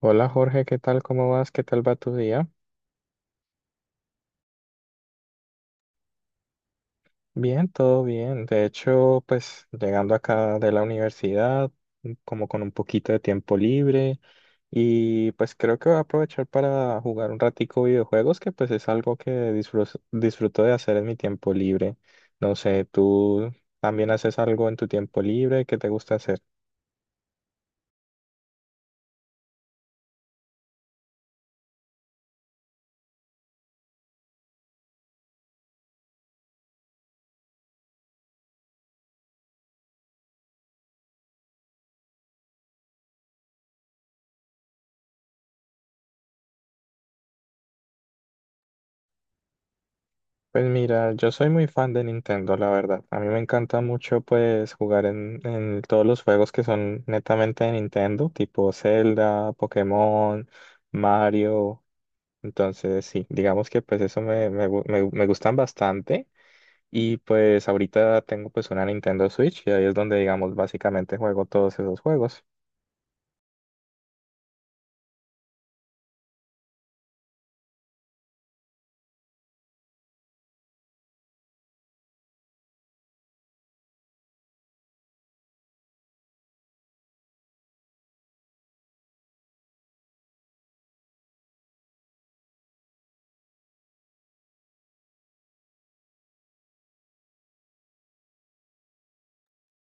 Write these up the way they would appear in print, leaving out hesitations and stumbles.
Hola Jorge, ¿qué tal? ¿Cómo vas? ¿Qué tal va tu día? Bien, todo bien. De hecho, pues llegando acá de la universidad, como con un poquito de tiempo libre y pues creo que voy a aprovechar para jugar un ratico videojuegos, que pues es algo que disfruto de hacer en mi tiempo libre. No sé, ¿tú también haces algo en tu tiempo libre? ¿Qué te gusta hacer? Pues mira, yo soy muy fan de Nintendo, la verdad. A mí me encanta mucho pues jugar en todos los juegos que son netamente de Nintendo, tipo Zelda, Pokémon, Mario. Entonces sí, digamos que pues eso me gustan bastante. Y pues ahorita tengo pues una Nintendo Switch y ahí es donde digamos básicamente juego todos esos juegos.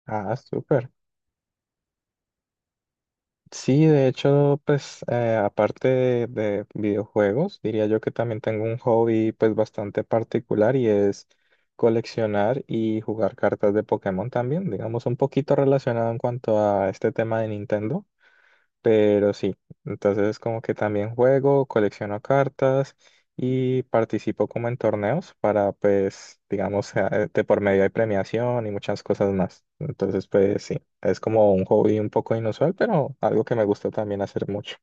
Ah, súper. Sí, de hecho, pues aparte de videojuegos, diría yo que también tengo un hobby pues bastante particular y es coleccionar y jugar cartas de Pokémon también, digamos un poquito relacionado en cuanto a este tema de Nintendo. Pero sí, entonces como que también juego, colecciono cartas y participo como en torneos para pues, digamos, de por medio de premiación y muchas cosas más. Entonces pues sí, es como un hobby un poco inusual, pero algo que me gusta también hacer mucho.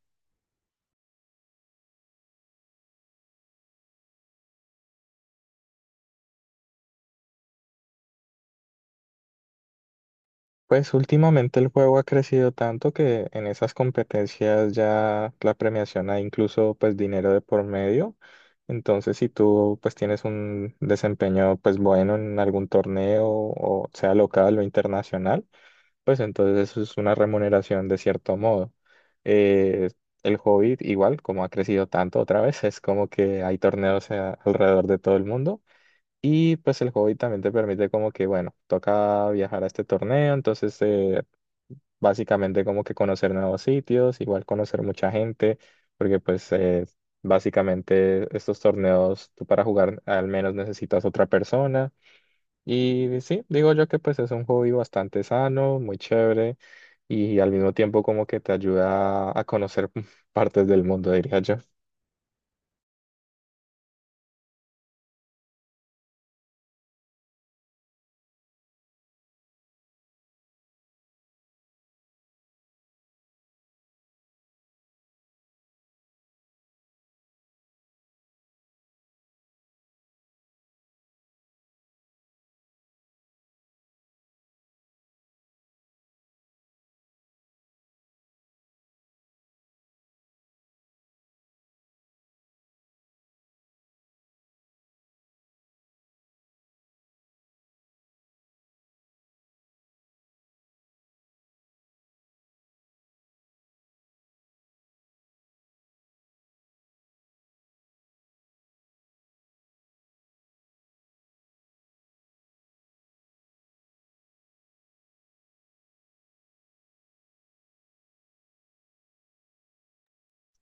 Pues últimamente el juego ha crecido tanto que en esas competencias ya la premiación hay incluso pues dinero de por medio. Entonces si tú pues tienes un desempeño pues bueno en algún torneo o sea local o internacional, pues entonces eso es una remuneración de cierto modo. Eh, el hobby igual como ha crecido tanto otra vez es como que hay torneos alrededor de todo el mundo. Y pues el hobby también te permite como que, bueno, toca viajar a este torneo, entonces básicamente como que conocer nuevos sitios, igual conocer mucha gente, porque pues básicamente estos torneos tú para jugar al menos necesitas otra persona. Y sí, digo yo que pues es un hobby bastante sano, muy chévere y al mismo tiempo como que te ayuda a conocer partes del mundo, diría yo.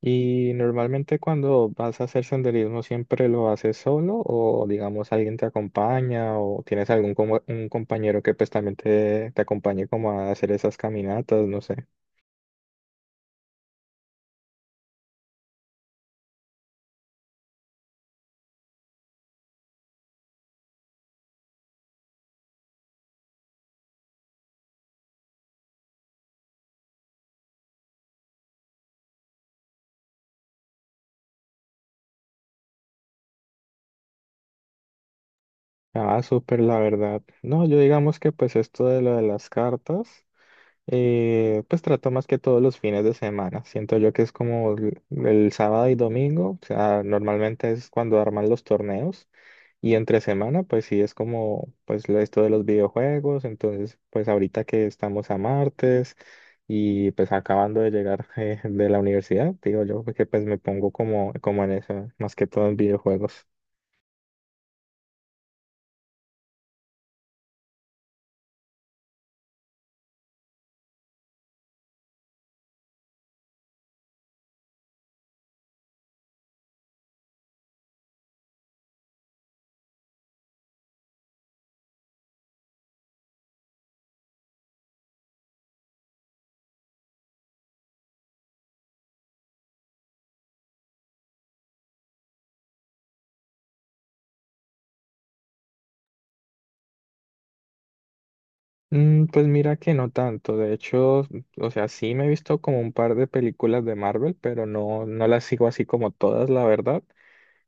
Y normalmente cuando vas a hacer senderismo, ¿siempre lo haces solo o digamos alguien te acompaña o tienes algún un compañero que pues también te acompañe como a hacer esas caminatas? No sé. Ah, súper, la verdad. No, yo digamos que pues esto de lo de las cartas, pues trato más que todos los fines de semana. Siento yo que es como el sábado y domingo, o sea, normalmente es cuando arman los torneos. Y entre semana, pues sí es como, pues esto de los videojuegos, entonces, pues ahorita que estamos a martes y pues acabando de llegar de la universidad, digo yo, porque pues me pongo como en eso, más que todo en videojuegos. Pues mira que no tanto, de hecho, o sea, sí me he visto como un par de películas de Marvel, pero no las sigo así como todas, la verdad.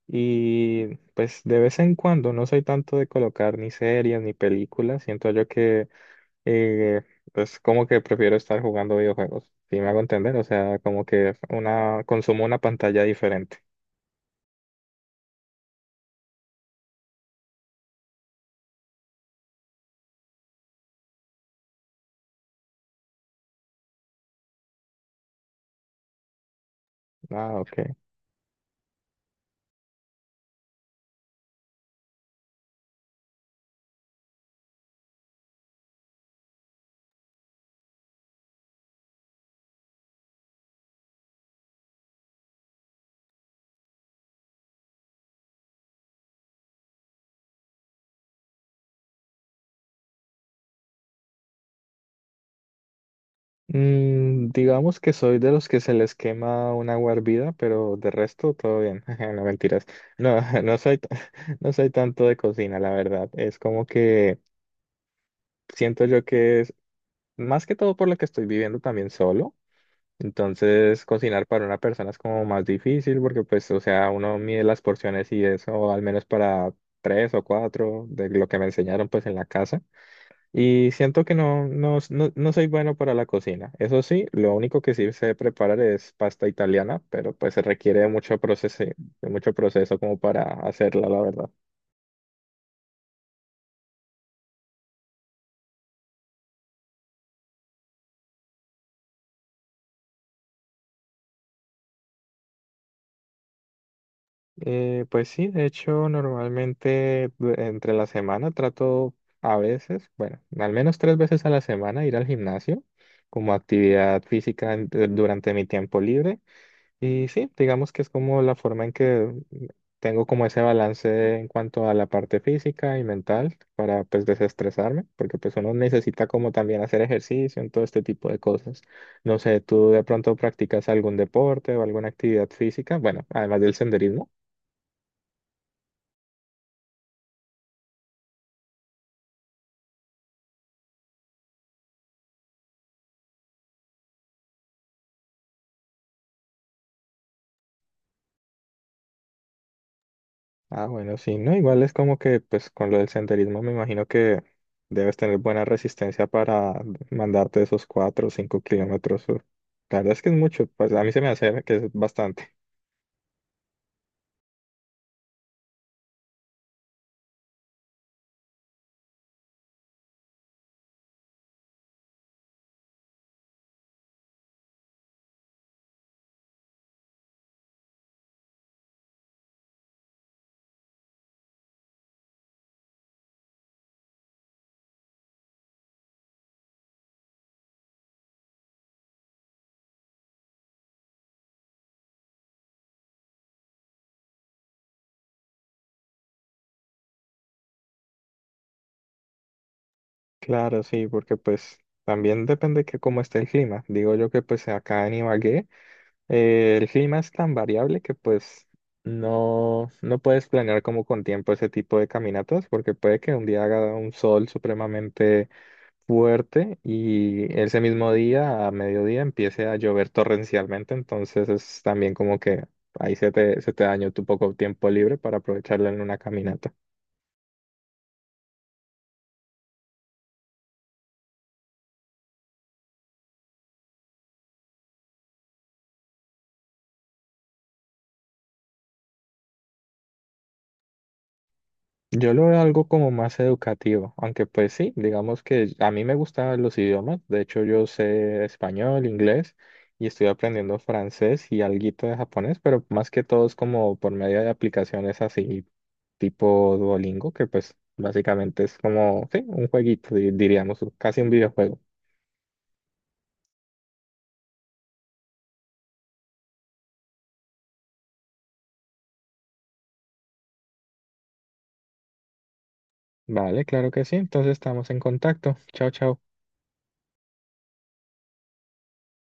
Y pues de vez en cuando no soy tanto de colocar ni series ni películas, siento yo que y pues como que prefiero estar jugando videojuegos, si me hago entender, o sea, como que una, consumo una pantalla diferente. Ah, ok. Digamos que soy de los que se les quema un agua hervida, pero de resto todo bien. No mentiras. No, no no soy tanto de cocina, la verdad. Es como que siento yo que es más que todo por lo que estoy viviendo también solo. Entonces, cocinar para una persona es como más difícil porque, pues, o sea, uno mide las porciones y eso, al menos para tres o cuatro de lo que me enseñaron, pues, en la casa. Y siento que no soy bueno para la cocina. Eso sí, lo único que sí sé preparar es pasta italiana, pero pues se requiere de mucho proceso como para hacerla, la verdad. Pues sí, de hecho, normalmente entre la semana trato a veces, bueno, al menos tres veces a la semana ir al gimnasio como actividad física durante mi tiempo libre. Y sí, digamos que es como la forma en que tengo como ese balance en cuanto a la parte física y mental para pues desestresarme, porque pues uno necesita como también hacer ejercicio en todo este tipo de cosas. No sé, ¿tú de pronto practicas algún deporte o alguna actividad física? Bueno, además del senderismo. Ah, bueno, sí, no, igual es como que, pues, con lo del senderismo me imagino que debes tener buena resistencia para mandarte esos 4 o 5 kilómetros. O- La verdad es que es mucho, pues a mí se me hace que es bastante. Claro, sí, porque pues también depende que cómo esté el clima. Digo yo que pues acá en Ibagué el clima es tan variable que pues no, no puedes planear como con tiempo ese tipo de caminatas porque puede que un día haga un sol supremamente fuerte y ese mismo día, a mediodía, empiece a llover torrencialmente, entonces es también como que ahí se te dañó tu poco tiempo libre para aprovecharlo en una caminata. Yo lo veo algo como más educativo, aunque pues sí, digamos que a mí me gustan los idiomas, de hecho yo sé español, inglés y estoy aprendiendo francés y alguito de japonés, pero más que todo es como por medio de aplicaciones así tipo Duolingo, que pues básicamente es como, sí, un jueguito, diríamos, casi un videojuego. Vale, claro que sí, entonces estamos en contacto. Chao, chao.